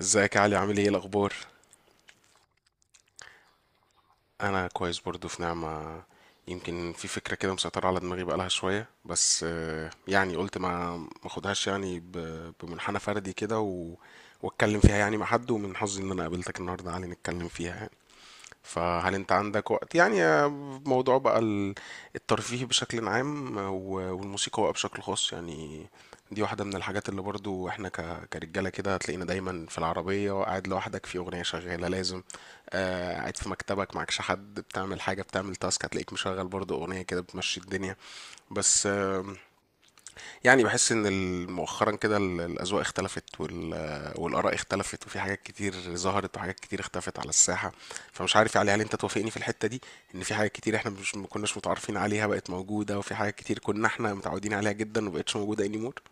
ازيك يا علي؟ عامل ايه الاخبار؟ انا كويس برضو، في نعمة. يمكن في فكرة كده مسيطرة على دماغي بقالها شوية، بس يعني قلت ما اخدهاش يعني بمنحنى فردي كده واتكلم فيها يعني مع حد، ومن حظي ان انا قابلتك النهارده يا علي نتكلم فيها يعني. فهل انت عندك وقت يعني؟ موضوع بقى الترفيه بشكل عام والموسيقى بقى بشكل خاص يعني. دي واحدة من الحاجات اللي برضو احنا كرجالة كده هتلاقينا دايما في العربية قاعد لوحدك في أغنية شغالة لازم. قاعد في مكتبك معكش حد، بتعمل حاجة، بتعمل تاسك، هتلاقيك مشغل برضو أغنية كده بتمشي الدنيا بس. يعني بحس ان مؤخرا كده الاذواق اختلفت والاراء اختلفت، وفي حاجات كتير ظهرت وحاجات كتير اختفت على الساحه. فمش عارف يعني، هل انت توافقني في الحته دي؟ ان في حاجات كتير احنا مش ما كناش متعارفين عليها بقت موجوده، وفي حاجات كتير كنا احنا متعودين عليها جدا ومبقتش موجوده anymore.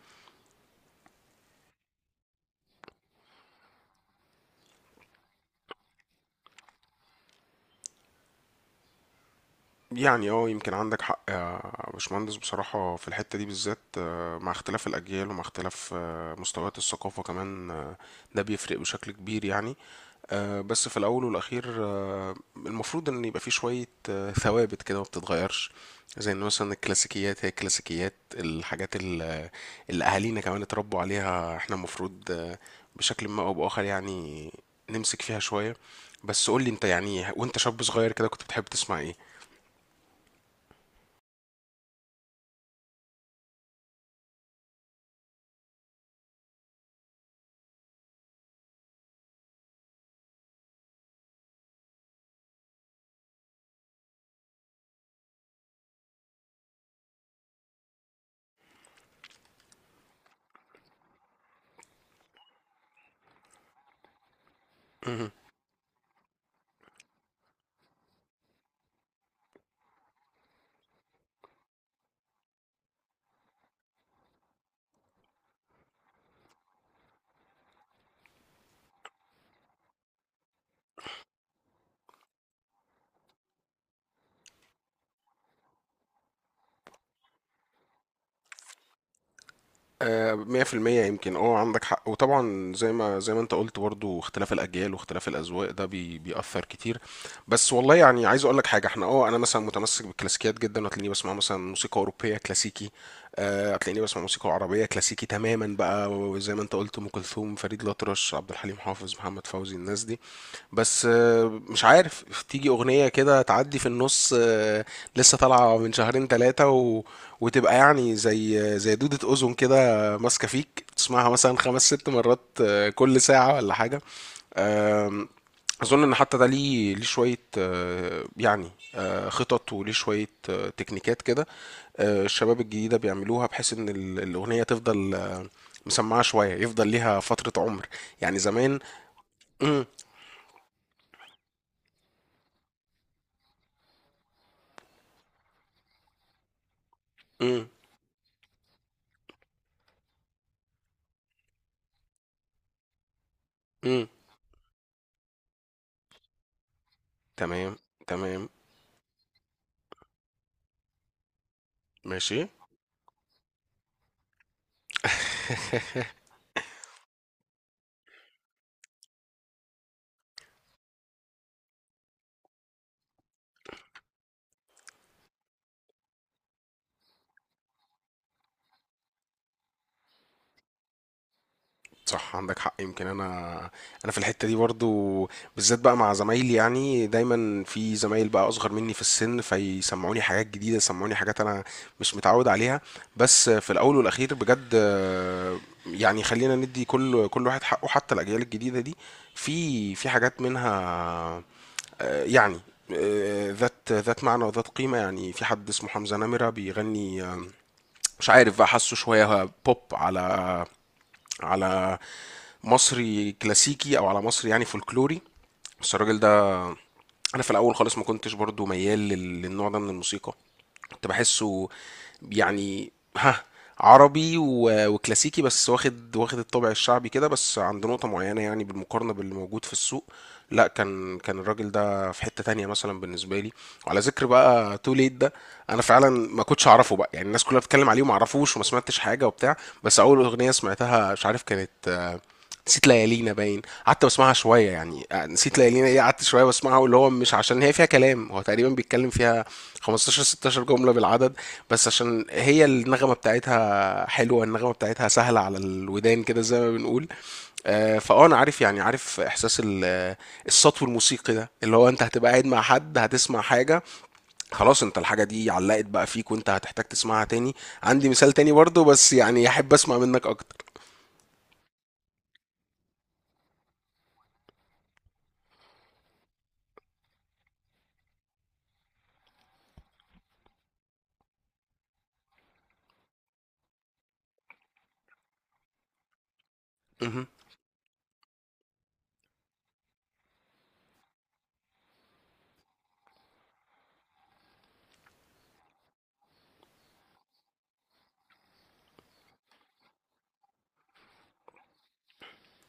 يعني اه يمكن عندك حق يا باشمهندس بصراحه. في الحته دي بالذات مع اختلاف الاجيال ومع اختلاف مستويات الثقافه كمان، ده بيفرق بشكل كبير يعني. بس في الأول والأخير المفروض إن يبقى فيه شوية ثوابت كده ما بتتغيرش، زي إن مثلا الكلاسيكيات هي الكلاسيكيات. الحاجات اللي أهالينا كمان اتربوا عليها إحنا المفروض بشكل ما أو بآخر يعني نمسك فيها شوية. بس قولي أنت يعني، وأنت شاب صغير كده كنت بتحب تسمع إيه؟ 100% يمكن اه عندك حق، وطبعا زي ما انت قلت برضو اختلاف الاجيال واختلاف الاذواق ده بيأثر كتير. بس والله يعني عايز اقول لك حاجه، احنا اه انا مثلا متمسك بالكلاسيكيات جدا، وهتلاقيني بسمع مثلا موسيقى اوروبيه كلاسيكي. هتلاقيني بسمع موسيقى عربية كلاسيكي تماما بقى، وزي ما انت قلت ام كلثوم، فريد الأطرش، عبد الحليم حافظ، محمد فوزي، الناس دي. بس مش عارف، تيجي أغنية كده تعدي في النص لسه طالعة من شهرين ثلاثة وتبقى يعني زي زي دودة أذن كده ماسكة فيك، تسمعها مثلا خمس ست مرات كل ساعة ولا حاجة. آم، اظن ان حتى ده ليه شويه يعني خطط وليه شويه تكنيكات كده الشباب الجديدة بيعملوها بحيث ان الأغنية تفضل مسمعة شوية، يفضل ليها فترة عمر يعني زمان. مم، مم، مم، تمام. تمام. ماشي. صح، عندك حق. يمكن انا في الحته دي برضو بالذات بقى مع زمايلي، يعني دايما في زمايل بقى اصغر مني في السن، فيسمعوني حاجات جديده، يسمعوني حاجات انا مش متعود عليها. بس في الاول والاخير بجد يعني خلينا ندي كل واحد حقه. حتى الاجيال الجديده دي في حاجات منها يعني ذات معنى وذات قيمة يعني. في حد اسمه حمزة نمرة بيغني مش عارف بقى، حاسه شوية بوب على على مصري كلاسيكي او على مصري يعني فولكلوري. بس الراجل ده انا في الاول خالص ما كنتش برضو ميال للنوع ده من الموسيقى، كنت بحسه يعني ها، عربي وكلاسيكي، بس واخد الطابع الشعبي كده، بس عند نقطة معينة يعني بالمقارنة باللي موجود في السوق، لا كان الراجل ده في حتة تانية مثلا بالنسبة لي. وعلى ذكر بقى تو ليت ده، انا فعلا ما كنتش اعرفه بقى يعني، الناس كلها بتتكلم عليه وما اعرفوش وما سمعتش حاجة وبتاع. بس اول اغنية سمعتها مش عارف كانت نسيت ليالينا، باين. قعدت بسمعها شويه، يعني نسيت ليالينا ايه؟ قعدت شويه بسمعها، واللي هو مش عشان هي فيها كلام، هو تقريبا بيتكلم فيها 15 16 جمله بالعدد، بس عشان هي النغمه بتاعتها حلوه، النغمه بتاعتها سهله على الودان كده زي ما بنقول. فاه انا عارف يعني، عارف احساس السطو الموسيقي ده، اللي هو انت هتبقى قاعد مع حد هتسمع حاجه، خلاص، انت الحاجه دي علقت بقى فيك، وانت هتحتاج تسمعها تاني. عندي مثال تاني برضه، بس يعني احب اسمع منك اكتر. مهم.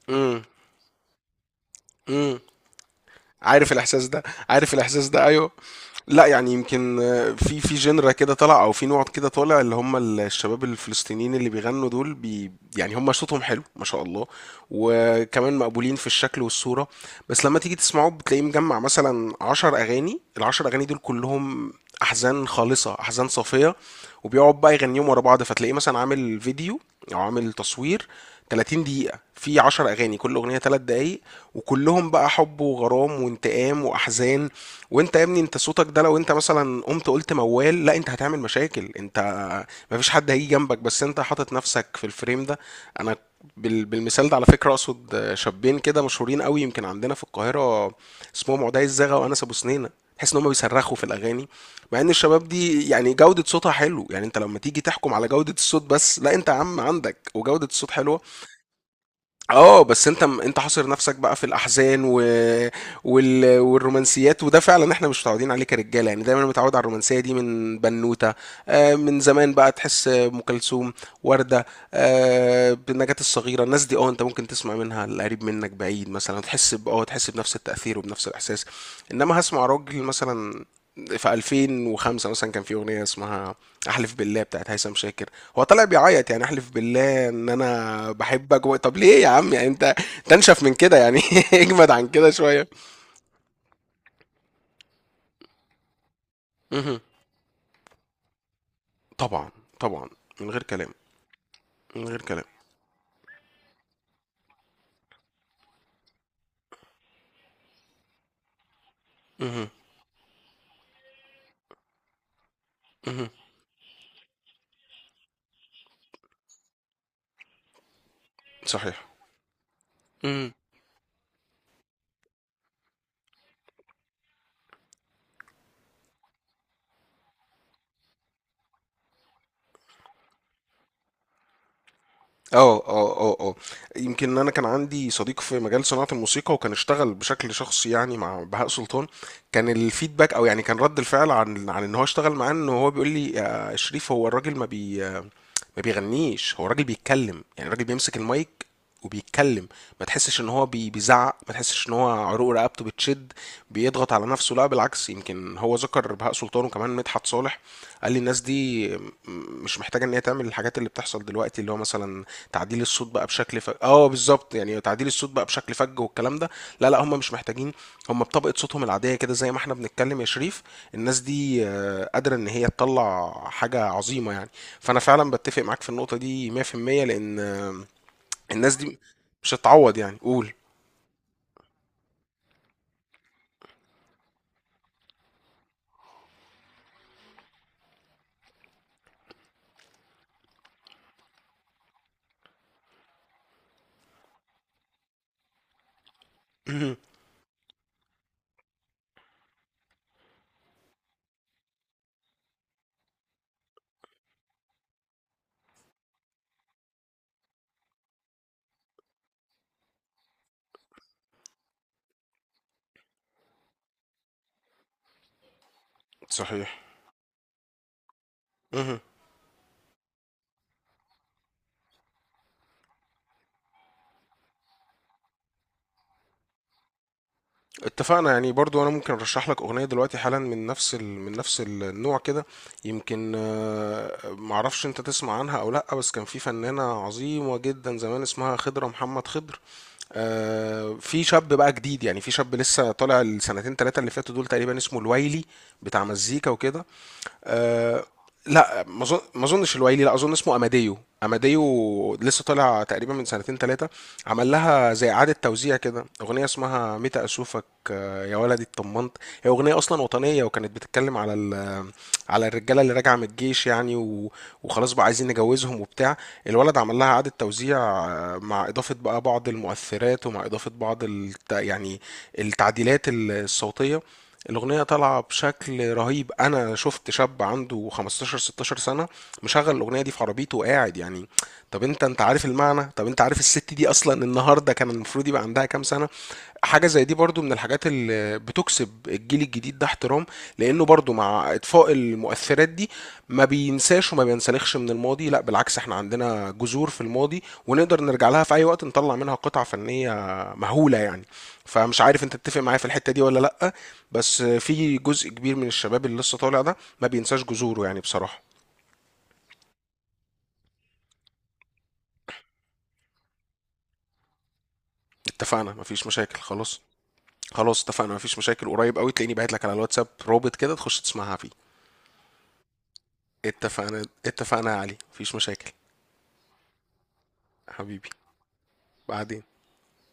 مم. مم. عارف الاحساس ده؟ عارف الاحساس ده؟ ايوه. لا يعني يمكن في جنرا كده طالع او في نوع كده طالع، اللي هم الشباب الفلسطينيين اللي بيغنوا دول بي يعني، هم صوتهم حلو ما شاء الله، وكمان مقبولين في الشكل والصورة. بس لما تيجي تسمعه بتلاقيه مجمع مثلا عشر أغاني، العشر أغاني دول كلهم أحزان خالصة، أحزان صافية، وبيقعد بقى يغنيهم ورا بعض. فتلاقيه مثلا عامل فيديو أو عامل تصوير 30 دقيقة في 10 أغاني، كل أغنية 3 دقايق، وكلهم بقى حب وغرام وانتقام وأحزان. وأنت يا ابني أنت صوتك ده لو أنت مثلا قمت قلت موال، لا أنت هتعمل مشاكل، أنت مفيش حد هيجي جنبك بس أنت حاطط نفسك في الفريم ده. أنا بالمثال ده على فكرة أقصد شابين كده مشهورين قوي يمكن عندنا في القاهرة، اسمهم عدي الزغا وأنس أبو سنينة. تحس إن هم بيصرخوا في الأغاني، مع إن الشباب دي يعني جودة صوتها حلو، يعني أنت لما تيجي تحكم على جودة الصوت بس، لا أنت يا عم عندك وجودة الصوت حلوة. اه بس انت حاصر نفسك بقى في الاحزان والرومانسيات، وده فعلا احنا مش متعودين عليه كرجاله، يعني دايما متعود على الرومانسيه دي من بنوته، آه من زمان بقى، تحس ام كلثوم، ورده، آه نجاة الصغيره، الناس دي اه انت ممكن تسمع منها القريب منك بعيد مثلا، تحس اه تحس بنفس التاثير وبنفس الاحساس. انما هسمع راجل مثلا في 2005 مثلا كان في اغنيه اسمها احلف بالله بتاعت هيثم شاكر، هو طلع بيعيط يعني احلف بالله ان انا بحبك طب ليه يا عم يعني انت تنشف من كده يعني اجمد عن كده شويه. مهم. طبعا. طبعا. من غير كلام. من غير كلام. مهم. مهم. صحيح. مهم. اه اه اه اه. يمكن انا كان عندي صديق في مجال صناعة الموسيقى وكان اشتغل بشكل شخصي يعني مع بهاء سلطان، كان الفيدباك او يعني كان رد الفعل عن ان هو اشتغل معاه، ان هو بيقول لي يا شريف هو الراجل ما بيغنيش، هو الراجل بيتكلم يعني، الراجل بيمسك المايك وبيتكلم، ما تحسش ان هو بيزعق، ما تحسش ان هو عروق رقبته بتشد، بيضغط على نفسه، لا بالعكس. يمكن هو ذكر بهاء سلطان وكمان مدحت صالح، قال لي الناس دي مش محتاجه ان هي تعمل الحاجات اللي بتحصل دلوقتي، اللي هو مثلا تعديل الصوت بقى بشكل فج، اه بالظبط يعني تعديل الصوت بقى بشكل فج والكلام ده. لا هم مش محتاجين، هم بطبقة صوتهم العادية كده زي ما احنا بنتكلم يا شريف، الناس دي قادرة ان هي تطلع حاجة عظيمة يعني. فانا فعلا بتفق معاك في النقطة دي 100%، لان الناس دي مش هتعوض يعني، قول. صحيح. اتفقنا يعني. برضو انا ممكن ارشح لك اغنيه دلوقتي حالا من نفس من نفس النوع كده، يمكن معرفش انت تسمع عنها او لا، بس كان في فنانه عظيمه جدا زمان اسمها خضره محمد خضر. في شاب بقى جديد، يعني في شاب لسه طالع السنتين ثلاثه اللي فاتوا دول تقريبا، اسمه الويلي بتاع مزيكا وكده آه، لا ما اظن، ما اظنش الويلي، لا اظن اسمه اماديو. اماديو لسه طالع تقريبا من سنتين ثلاثه، عمل لها زي اعاده توزيع كده اغنيه اسمها متى اشوفك يا ولدي اتطمنت. هي اغنيه اصلا وطنيه، وكانت بتتكلم على على الرجاله اللي راجعه من الجيش، يعني وخلاص بقى عايزين نجوزهم وبتاع. الولد عمل لها اعاده توزيع مع اضافه بقى بعض المؤثرات، ومع اضافه بعض يعني التعديلات الصوتيه. الأغنية طالعة بشكل رهيب. أنا شفت شاب عنده 15 16 سنة مشغل الأغنية دي في عربيته وقاعد يعني، طب أنت عارف المعنى؟ طب أنت عارف الست دي أصلا النهاردة كان المفروض يبقى عندها كام سنة؟ حاجة زي دي برضو من الحاجات اللي بتكسب الجيل الجديد ده احترام، لأنه برضو مع إطفاء المؤثرات دي ما بينساش وما بينسلخش من الماضي، لا بالعكس، احنا عندنا جذور في الماضي ونقدر نرجع لها في أي وقت، نطلع منها قطعة فنية مهولة يعني. فمش عارف انت تتفق معايا في الحتة دي ولا لأ، بس في جزء كبير من الشباب اللي لسه طالع ده ما بينساش جذوره يعني بصراحة. اتفقنا، مفيش مشاكل، خلاص. خلاص اتفقنا مفيش مشاكل، قريب قوي تلاقيني باعت لك على الواتساب رابط كده تخش تسمعها فيه. اتفقنا، اتفقنا يا علي، مفيش مشاكل. حبيبي. بعدين.